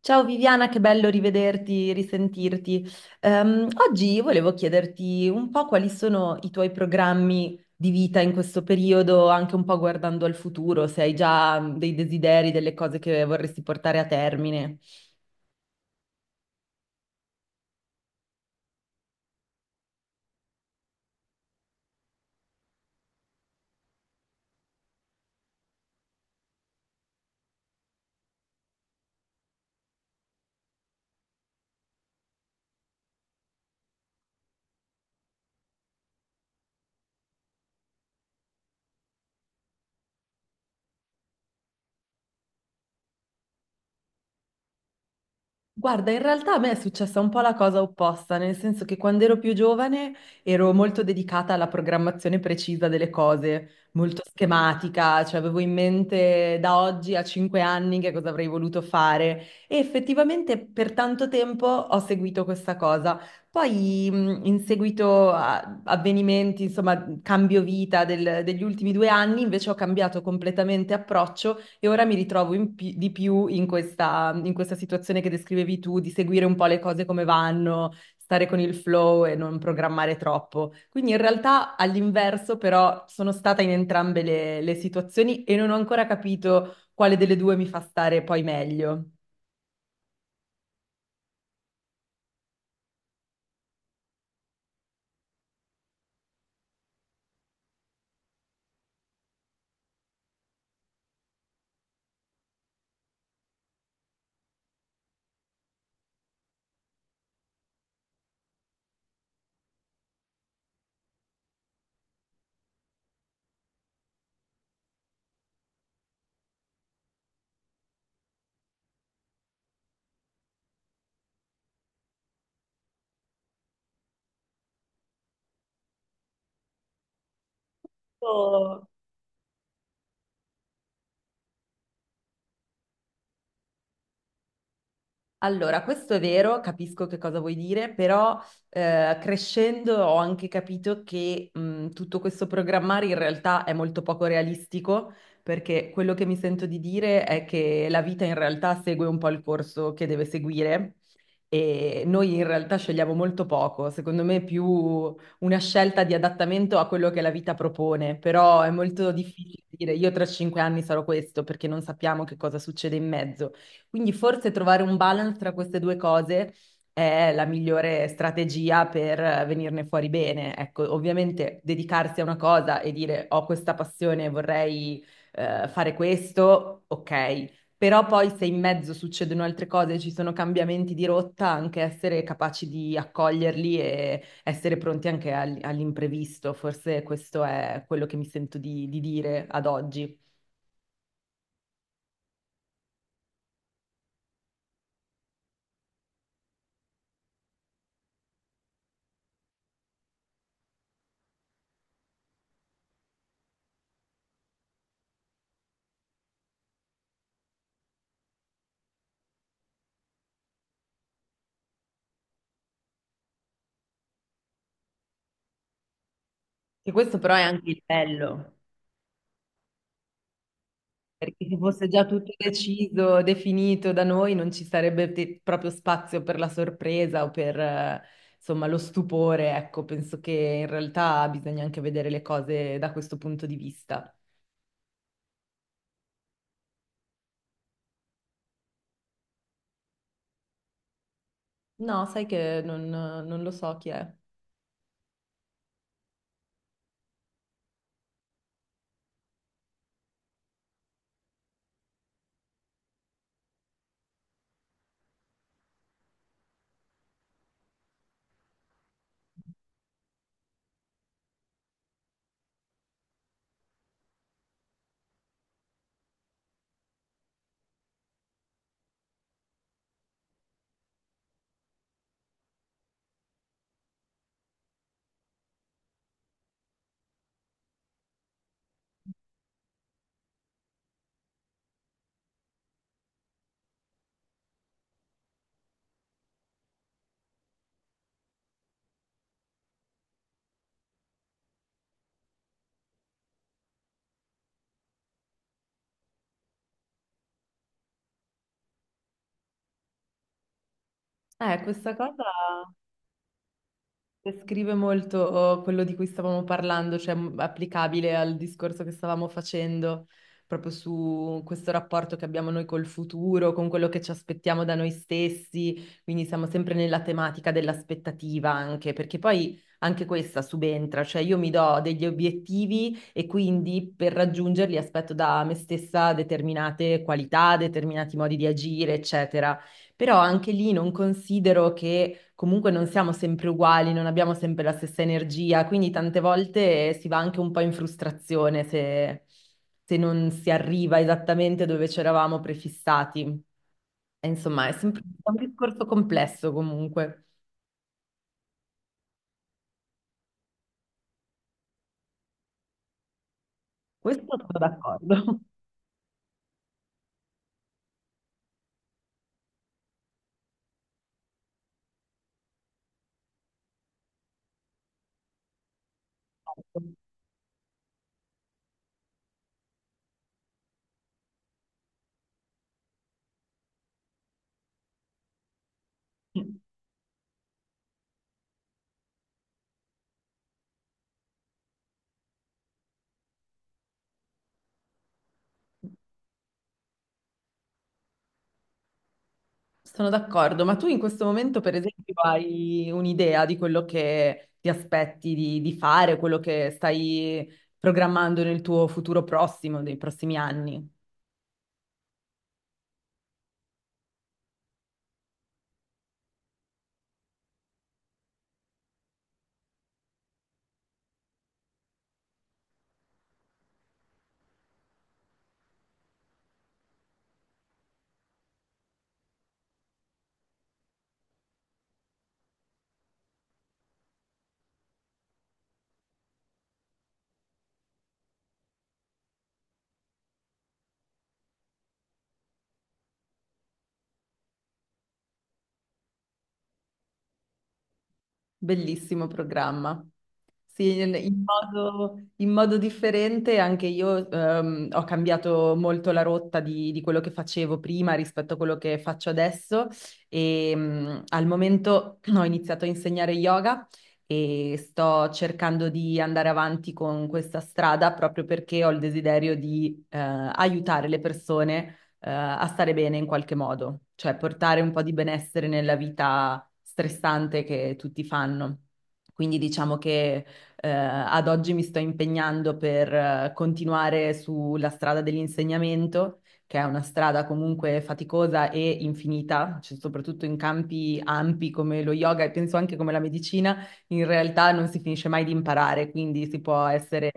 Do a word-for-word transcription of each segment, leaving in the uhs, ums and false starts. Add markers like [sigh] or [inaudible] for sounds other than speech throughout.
Ciao Viviana, che bello rivederti, risentirti. Ehm, oggi volevo chiederti un po' quali sono i tuoi programmi di vita in questo periodo, anche un po' guardando al futuro, se hai già mm, dei desideri, delle cose che vorresti portare a termine. Guarda, in realtà a me è successa un po' la cosa opposta, nel senso che quando ero più giovane ero molto dedicata alla programmazione precisa delle cose, molto schematica, cioè avevo in mente da oggi a cinque anni che cosa avrei voluto fare e effettivamente per tanto tempo ho seguito questa cosa. Poi mh, in seguito a avvenimenti, insomma, cambio vita del- degli ultimi due anni, invece ho cambiato completamente approccio e ora mi ritrovo in pi- di più in questa, in questa situazione che descrivevi tu, di seguire un po' le cose come vanno, stare con il flow e non programmare troppo. Quindi in realtà all'inverso, però, sono stata in entrambe le, le situazioni e non ho ancora capito quale delle due mi fa stare poi meglio. Allora, questo è vero, capisco che cosa vuoi dire, però eh, crescendo ho anche capito che mh, tutto questo programmare in realtà è molto poco realistico, perché quello che mi sento di dire è che la vita in realtà segue un po' il corso che deve seguire e noi in realtà scegliamo molto poco, secondo me è più una scelta di adattamento a quello che la vita propone, però è molto difficile dire io tra cinque anni sarò questo perché non sappiamo che cosa succede in mezzo. Quindi forse trovare un balance tra queste due cose è la migliore strategia per venirne fuori bene. Ecco, ovviamente dedicarsi a una cosa e dire ho questa passione, vorrei eh, fare questo, ok, però poi se in mezzo succedono altre cose, ci sono cambiamenti di rotta, anche essere capaci di accoglierli e essere pronti anche all- all'imprevisto. Forse questo è quello che mi sento di, di dire ad oggi. E questo però è anche il bello, perché se fosse già tutto deciso, definito da noi, non ci sarebbe te- proprio spazio per la sorpresa o per, eh, insomma, lo stupore. Ecco, penso che in realtà bisogna anche vedere le cose da questo punto di vista. No, sai che non, non lo so chi è. Eh, questa cosa descrive molto quello di cui stavamo parlando, cioè m- applicabile al discorso che stavamo facendo, proprio su questo rapporto che abbiamo noi col futuro, con quello che ci aspettiamo da noi stessi, quindi siamo sempre nella tematica dell'aspettativa anche, perché poi anche questa subentra, cioè io mi do degli obiettivi e quindi per raggiungerli aspetto da me stessa determinate qualità, determinati modi di agire, eccetera. Però anche lì non considero che comunque non siamo sempre uguali, non abbiamo sempre la stessa energia, quindi tante volte si va anche un po' in frustrazione se, se non si arriva esattamente dove c'eravamo prefissati. E insomma, è sempre è un discorso complesso comunque. Questo sono d'accordo. [laughs] Sono d'accordo, ma tu in questo momento, per esempio, hai un'idea di quello che ti aspetti di, di fare, quello che stai programmando nel tuo futuro prossimo, nei prossimi anni? Bellissimo programma. Sì, in, in modo, in modo differente anche io ehm, ho cambiato molto la rotta di, di quello che facevo prima rispetto a quello che faccio adesso e mm, al momento [clears throat] ho iniziato a insegnare yoga e sto cercando di andare avanti con questa strada proprio perché ho il desiderio di eh, aiutare le persone eh, a stare bene in qualche modo, cioè portare un po' di benessere nella vita stressante che tutti fanno. Quindi diciamo che eh, ad oggi mi sto impegnando per eh, continuare sulla strada dell'insegnamento, che è una strada comunque faticosa e infinita, cioè soprattutto in campi ampi come lo yoga e penso anche come la medicina, in realtà non si finisce mai di imparare, quindi si può essere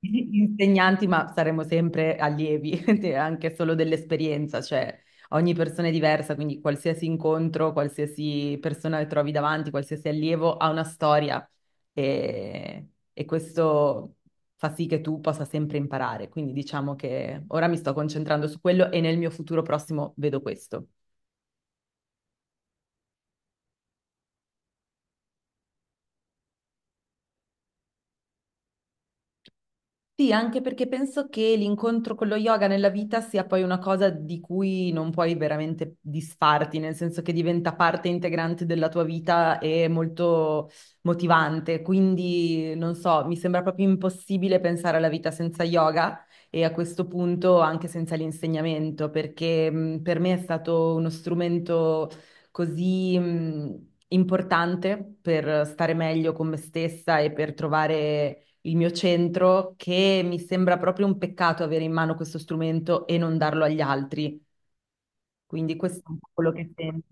insegnanti, ma saremo sempre allievi, [laughs] de- anche solo dell'esperienza, cioè ogni persona è diversa, quindi qualsiasi incontro, qualsiasi persona che trovi davanti, qualsiasi allievo ha una storia e, e questo fa sì che tu possa sempre imparare. Quindi diciamo che ora mi sto concentrando su quello e nel mio futuro prossimo vedo questo. Sì, anche perché penso che l'incontro con lo yoga nella vita sia poi una cosa di cui non puoi veramente disfarti, nel senso che diventa parte integrante della tua vita e molto motivante. Quindi, non so, mi sembra proprio impossibile pensare alla vita senza yoga e a questo punto anche senza l'insegnamento, perché mh, per me è stato uno strumento così mh, importante per stare meglio con me stessa e per trovare il mio centro, che mi sembra proprio un peccato avere in mano questo strumento e non darlo agli altri. Quindi questo è un po' quello che sento.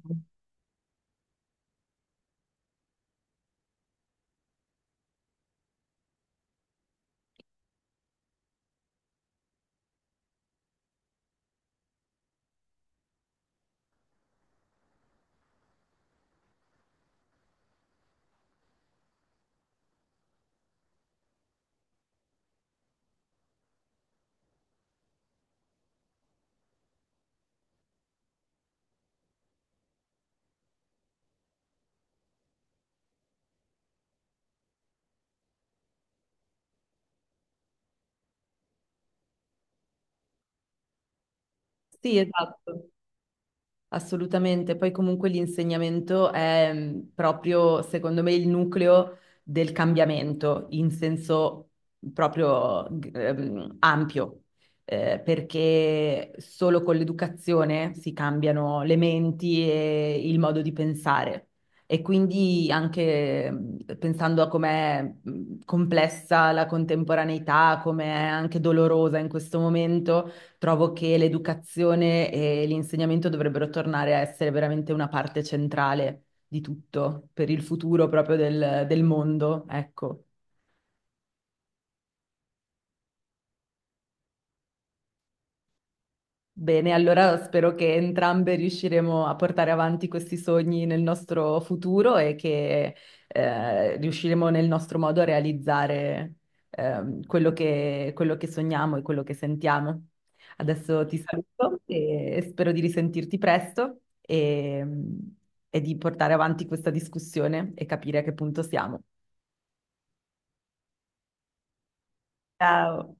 Sì, esatto. Assolutamente, poi comunque l'insegnamento è mh, proprio, secondo me, il nucleo del cambiamento in senso proprio g- ehm, ampio, eh, perché solo con l'educazione si cambiano le menti e il modo di pensare. E quindi anche mh, pensando a com'è mh, complessa la contemporaneità, com'è anche dolorosa in questo momento trovo che l'educazione e l'insegnamento dovrebbero tornare a essere veramente una parte centrale di tutto per il futuro proprio del, del mondo, ecco. Bene, allora spero che entrambe riusciremo a portare avanti questi sogni nel nostro futuro e che eh, riusciremo nel nostro modo a realizzare ehm, quello che, quello che sogniamo e quello che sentiamo. Adesso ti saluto e spero di risentirti presto e e di portare avanti questa discussione e capire a che punto siamo. Ciao!